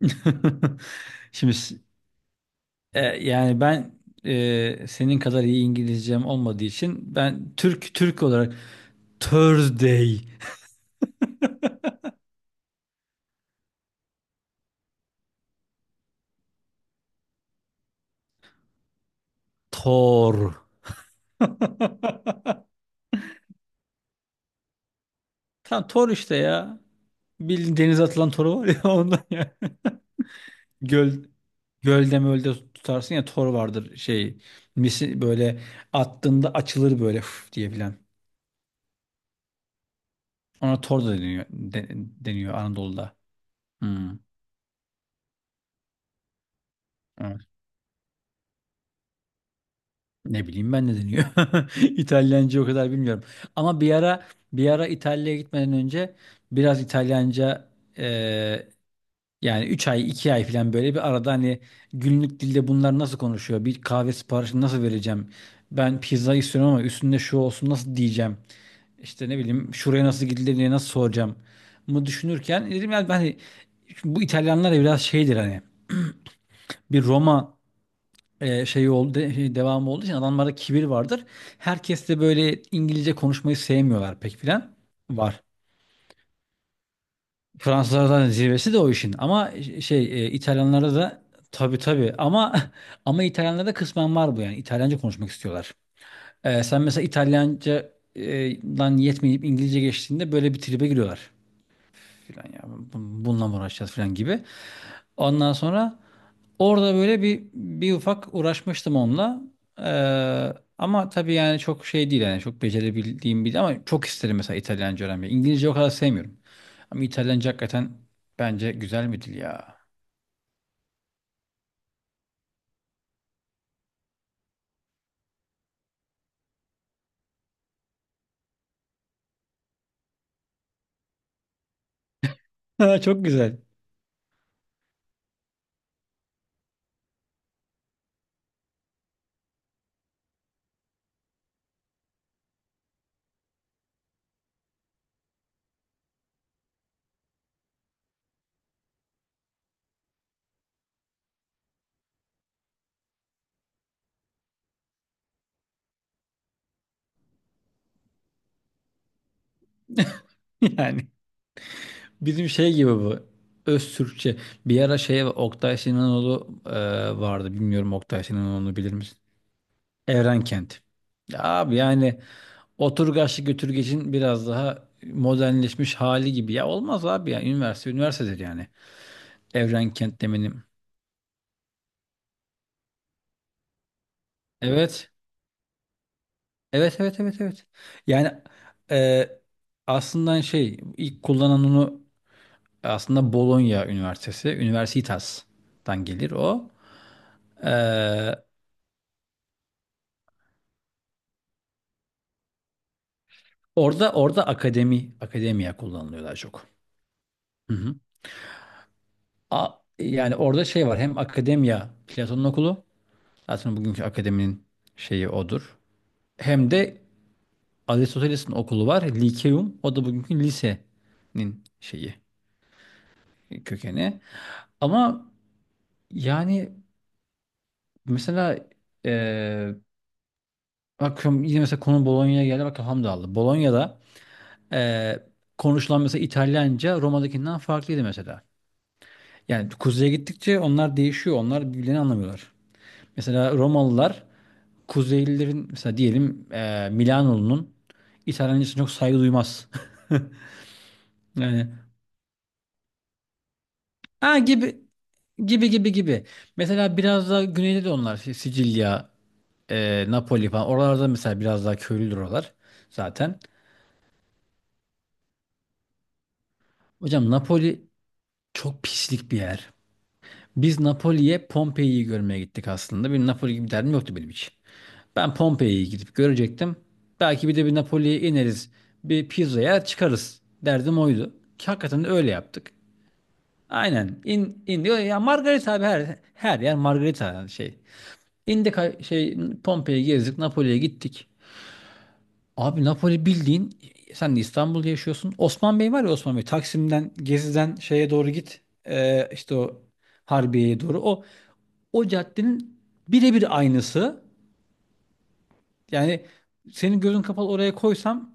Şimdi, yani ben, senin kadar iyi İngilizcem olmadığı için ben Türk Türk olarak Thursday. Thor. Tam Thor işte ya. Bildiğin denize atılan toru var ya, ondan ya. Göl Gölde mölde tutarsın ya, tor vardır şey. Misi böyle attığında açılır böyle, "Üf" diye diyebilen. Ona tor da deniyor, deniyor Anadolu'da. Hmm. Evet. Ne bileyim ben ne deniyor. İtalyanca o kadar bilmiyorum. Ama bir ara İtalya'ya gitmeden önce biraz İtalyanca, e, yani 3 ay 2 ay falan böyle bir arada hani günlük dilde bunlar nasıl konuşuyor? Bir kahve siparişini nasıl vereceğim? Ben pizza istiyorum ama üstünde şu olsun nasıl diyeceğim? İşte ne bileyim şuraya nasıl gidilir diye nasıl soracağım mı düşünürken dedim ya ben hani bu İtalyanlar da biraz şeydir hani, bir Roma, şey oldu, şey devamı olduğu için adamlarda kibir vardır. Herkes de böyle İngilizce konuşmayı sevmiyorlar pek filan. Var. Fransızlar zaten zirvesi de o işin. Ama şey, İtalyanlarda da tabii tabii, ama ama İtalyanlarda kısmen var bu yani. İtalyanca konuşmak istiyorlar. Sen mesela İtalyanca, dan yetmeyip İngilizce geçtiğinde böyle bir tribe giriyorlar filan ya. Bununla mı uğraşacağız filan gibi. Ondan sonra orada böyle bir ufak uğraşmıştım onunla. Ama tabii yani çok şey değil yani çok becerebildiğim bir, ama çok isterim mesela İtalyanca öğrenmeyi. İngilizce o kadar sevmiyorum. Ama İtalyanca hakikaten bence güzel bir dil ya. Çok güzel. Yani bizim şey gibi bu. Öz Türkçe. Bir ara şey Oktay Sinanoğlu, vardı. Bilmiyorum, Oktay Sinanoğlu'nu bilir misin? Evrenkent. Ya abi yani Oturgaçlı götürgecin biraz daha modernleşmiş hali gibi. Ya olmaz abi ya. Üniversite üniversitedir yani. Evren kentlemenim. Evet. Evet evet evet evet. Yani, e, aslında şey ilk kullanan onu, aslında Bologna Üniversitesi. Universitas'tan gelir o. E, orada akademi akademiya kullanılıyor daha çok. Hı hı. Yani orada şey var, hem akademiya Platon'un okulu, zaten bugünkü akademinin şeyi odur. Hem de Aristoteles'in okulu var. Likeum. O da bugünkü lisenin şeyi, kökeni. Ama yani mesela eee bakıyorum yine mesela konu Bolonya'ya geldi. Bakın Hamdallı. Bolonya'da eee, konuşulan mesela İtalyanca Roma'dakinden farklıydı mesela. Yani kuzeye gittikçe onlar değişiyor. Onlar birbirlerini anlamıyorlar. Mesela Romalılar Kuzeylilerin, mesela diyelim Milanoğlu'nun İtalyancasına çok saygı duymaz. Yani, ha, gibi gibi gibi gibi. Mesela biraz daha güneyde de onlar, Sicilya, Napoli falan. Oralarda mesela biraz daha köylüdür oralar zaten. Hocam Napoli çok pislik bir yer. Biz Napoli'ye Pompei'yi görmeye gittik aslında. Benim Napoli gibi derdim yoktu benim hiç. Ben Pompei'yi gidip görecektim. Belki bir de bir Napoli'ye ineriz. Bir pizza yer çıkarız. Derdim oydu. Ki hakikaten de öyle yaptık. Aynen. İn, in diyor ya, Margarita abi, her yer Margarita yani şey. İndik, şey, Pompei'yi gezdik, Napoli'ye gittik. Abi Napoli, bildiğin sen de İstanbul'da yaşıyorsun. Osman Bey var ya, Osman Bey, Taksim'den, Gezi'den şeye doğru git. İşte o Harbiye'ye doğru. O caddenin birebir aynısı. Yani senin gözün kapalı oraya koysam,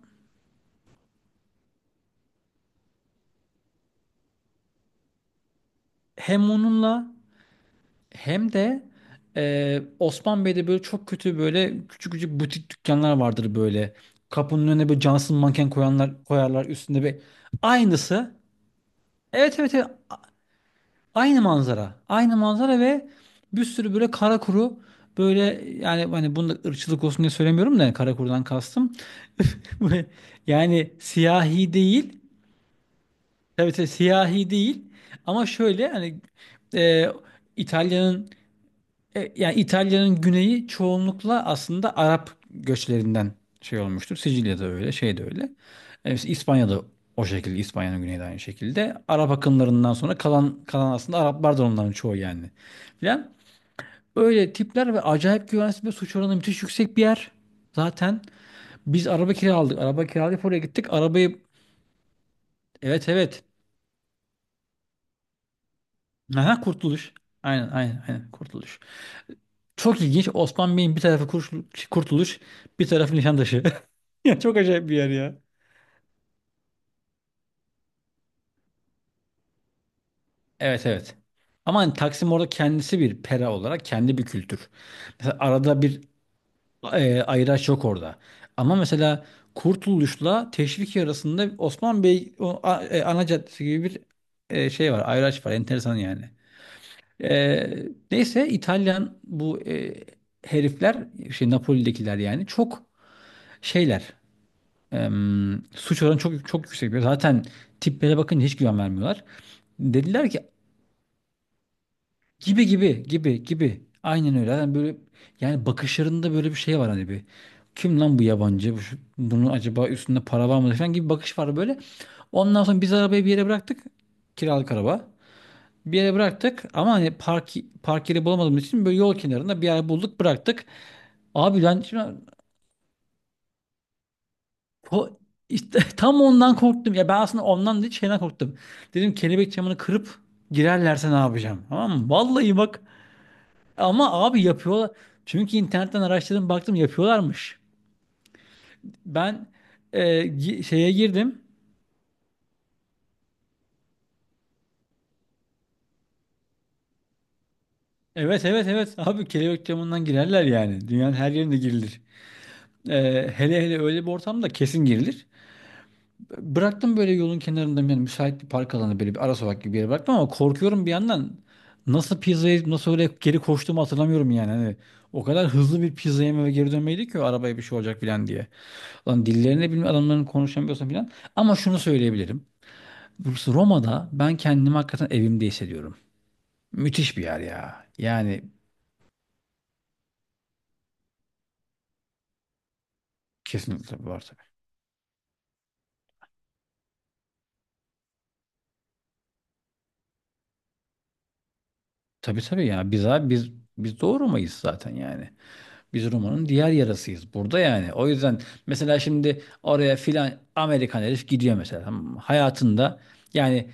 hem onunla hem de, Osman Bey'de böyle çok kötü böyle küçük küçük butik dükkanlar vardır böyle. Kapının önüne böyle cansız manken koyanlar koyarlar, üstünde bir, aynısı. Evet evet evet. Aynı manzara. Aynı manzara ve bir sürü böyle kara kuru böyle, yani hani bunda da ırkçılık olsun diye söylemiyorum da, yani kara kurudan kastım. Böyle, yani siyahi değil. Tabii tabii siyahi değil. Ama şöyle hani, e, İtalya'nın, yani İtalya'nın güneyi çoğunlukla aslında Arap göçlerinden şey olmuştur. Sicilya'da öyle, şey de öyle. Mesela İspanya'da o şekilde, İspanya'nın güneyi de aynı şekilde. Arap akınlarından sonra kalan aslında, Araplar da onların çoğu yani. Filan. Öyle tipler, ve acayip güvensiz ve suç oranı müthiş yüksek bir yer. Zaten biz araba kiraladık. Araba kiralayıp oraya gittik. Arabayı. Evet evet. Aha, kurtuluş. Aynen aynen aynen kurtuluş. Çok ilginç. Osman Bey'in bir tarafı kurtuluş, bir tarafı Nişantaşı. Ya çok acayip bir yer ya. Evet evet. Ama hani Taksim orada kendisi bir pera olarak kendi bir kültür. Mesela arada bir, ayıraç yok orada. Ama mesela Kurtuluş'la Teşviki arasında Osman Bey, ana caddesi gibi bir, şey var. Ayıraç var. Enteresan yani. E, Neyse, İtalyan bu, herifler şey, Napoli'dekiler yani çok şeyler. Suç oranı çok çok yüksek. Zaten tiplere bakınca hiç güven vermiyorlar. Dediler ki, gibi gibi gibi gibi. Aynen öyle. Yani böyle, yani bakışlarında böyle bir şey var hani, bir. Kim lan bu yabancı? Bunun acaba üstünde para var mı falan gibi bir bakış var böyle. Ondan sonra biz arabayı bir yere bıraktık. Kiralık araba. Bir yere bıraktık ama hani park yeri bulamadığımız için böyle yol kenarında bir yer bulduk, bıraktık. Abi ben şimdi, ko- işte, tam ondan korktum. Ya ben aslında ondan değil, şeyden korktum. Dedim, kelebek camını kırıp girerlerse ne yapacağım? Tamam mı? Vallahi bak. Ama abi yapıyorlar. Çünkü internetten araştırdım, baktım, yapıyorlarmış. Ben, şeye girdim. Evet evet evet, abi kelebek camından girerler yani. Dünyanın her yerinde girilir. Hele hele öyle bir ortamda kesin girilir. Bıraktım böyle yolun kenarında, yani müsait bir park alanı, böyle bir ara sokak gibi bir yere bıraktım ama korkuyorum bir yandan. Nasıl pizza yiyip nasıl öyle geri koştuğumu hatırlamıyorum yani. Hani o kadar hızlı bir pizza yeme ve geri dönmeydi ki, o arabaya bir şey olacak filan diye. Lan dillerini bilmiyorum adamların, konuşamıyorsam filan. Ama şunu söyleyebilirim. Burası, Roma'da ben kendimi hakikaten evimde hissediyorum. Müthiş bir yer ya. Yani kesinlikle var tabii. Tabii tabii ya. Biz abi biz Doğu Roma'yız zaten yani. Biz Roma'nın diğer yarasıyız burada yani. O yüzden mesela şimdi oraya filan Amerikan herif gidiyor mesela. Tamam mı? Hayatında, yani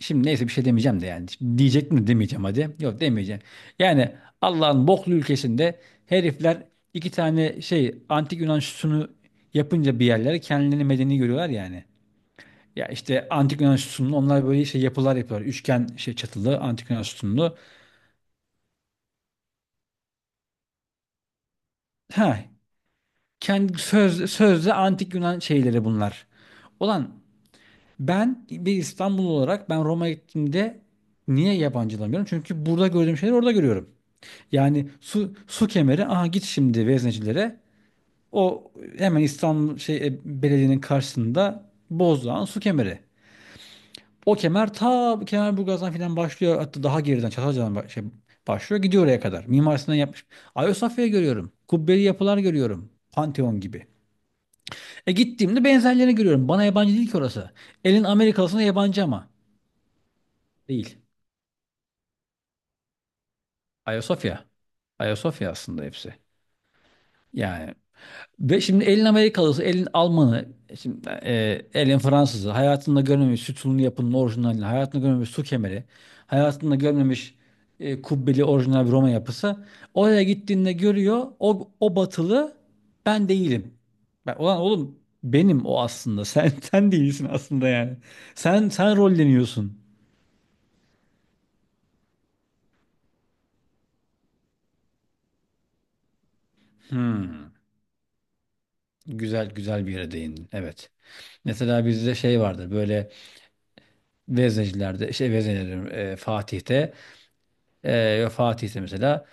şimdi neyse bir şey demeyeceğim de yani. Şimdi, diyecek mi demeyeceğim, hadi. Yok, demeyeceğim. Yani Allah'ın boklu ülkesinde herifler iki tane şey antik Yunan sütunu yapınca bir yerlere kendilerini medeni görüyorlar yani. Ya işte antik Yunan sütunlu onlar böyle şey yapılar yapıyorlar. Üçgen şey çatılı, antik Yunan sütunlu. Ha, kendi, sözde antik Yunan şeyleri bunlar. Ulan ben bir İstanbul olarak ben Roma'ya gittiğimde niye yabancılamıyorum? Çünkü burada gördüğüm şeyleri orada görüyorum. Yani su kemeri, aha git şimdi veznecilere. O hemen İstanbul şey, belediyenin karşısında Bozdağ'ın su kemeri. O kemer ta Kemerburgaz'dan filan başlıyor. Hatta daha geriden Çatalca'dan, şey başlıyor. Gidiyor oraya kadar. Mimar Sinan yapmış. Ayasofya'yı görüyorum. Kubbeli yapılar görüyorum. Pantheon gibi. E gittiğimde benzerlerini görüyorum. Bana yabancı değil ki orası. Elin Amerikalısına yabancı ama. Değil. Ayasofya. Ayasofya aslında, hepsi. Yani, ve şimdi elin Amerikalısı, elin Almanı, şimdi, elin Fransızı, hayatında görmemiş sütunlu yapının orijinalini, hayatında görmemiş su kemeri, hayatında görmemiş, kubbeli orijinal bir Roma yapısı. Oraya gittiğinde görüyor, o batılı ben değilim. Ben, ulan oğlum benim o aslında, sen, sen değilsin aslında yani. Sen rolleniyorsun. Hmm. Güzel güzel bir yere değindin. Evet. Mesela bizde şey vardır böyle, Veznecilerde, şey Veznecilerim, Fatih'te. Fatih ise mesela,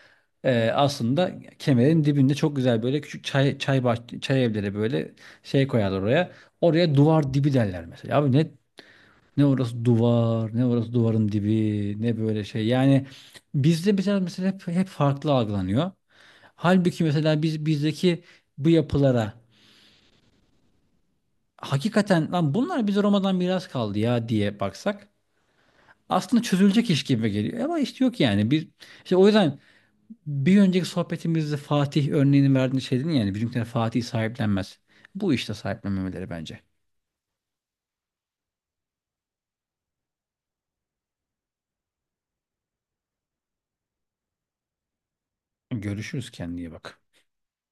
aslında kemerin dibinde çok güzel böyle küçük çay evleri böyle şey koyarlar oraya. Oraya duvar dibi derler mesela. Abi ne orası duvar, ne orası duvarın dibi, ne böyle şey. Yani bizde mesela hep farklı algılanıyor. Halbuki mesela bizdeki bu yapılara, hakikaten lan bunlar bize Roma'dan miras kaldı ya diye baksak aslında çözülecek iş gibi geliyor. Ama işte yok yani. İşte o yüzden, bir önceki sohbetimizde Fatih örneğini verdiğin şey dedin yani bizimkiler Fatih sahiplenmez. Bu işte sahiplenmemeleri bence. Görüşürüz, kendine iyi bak.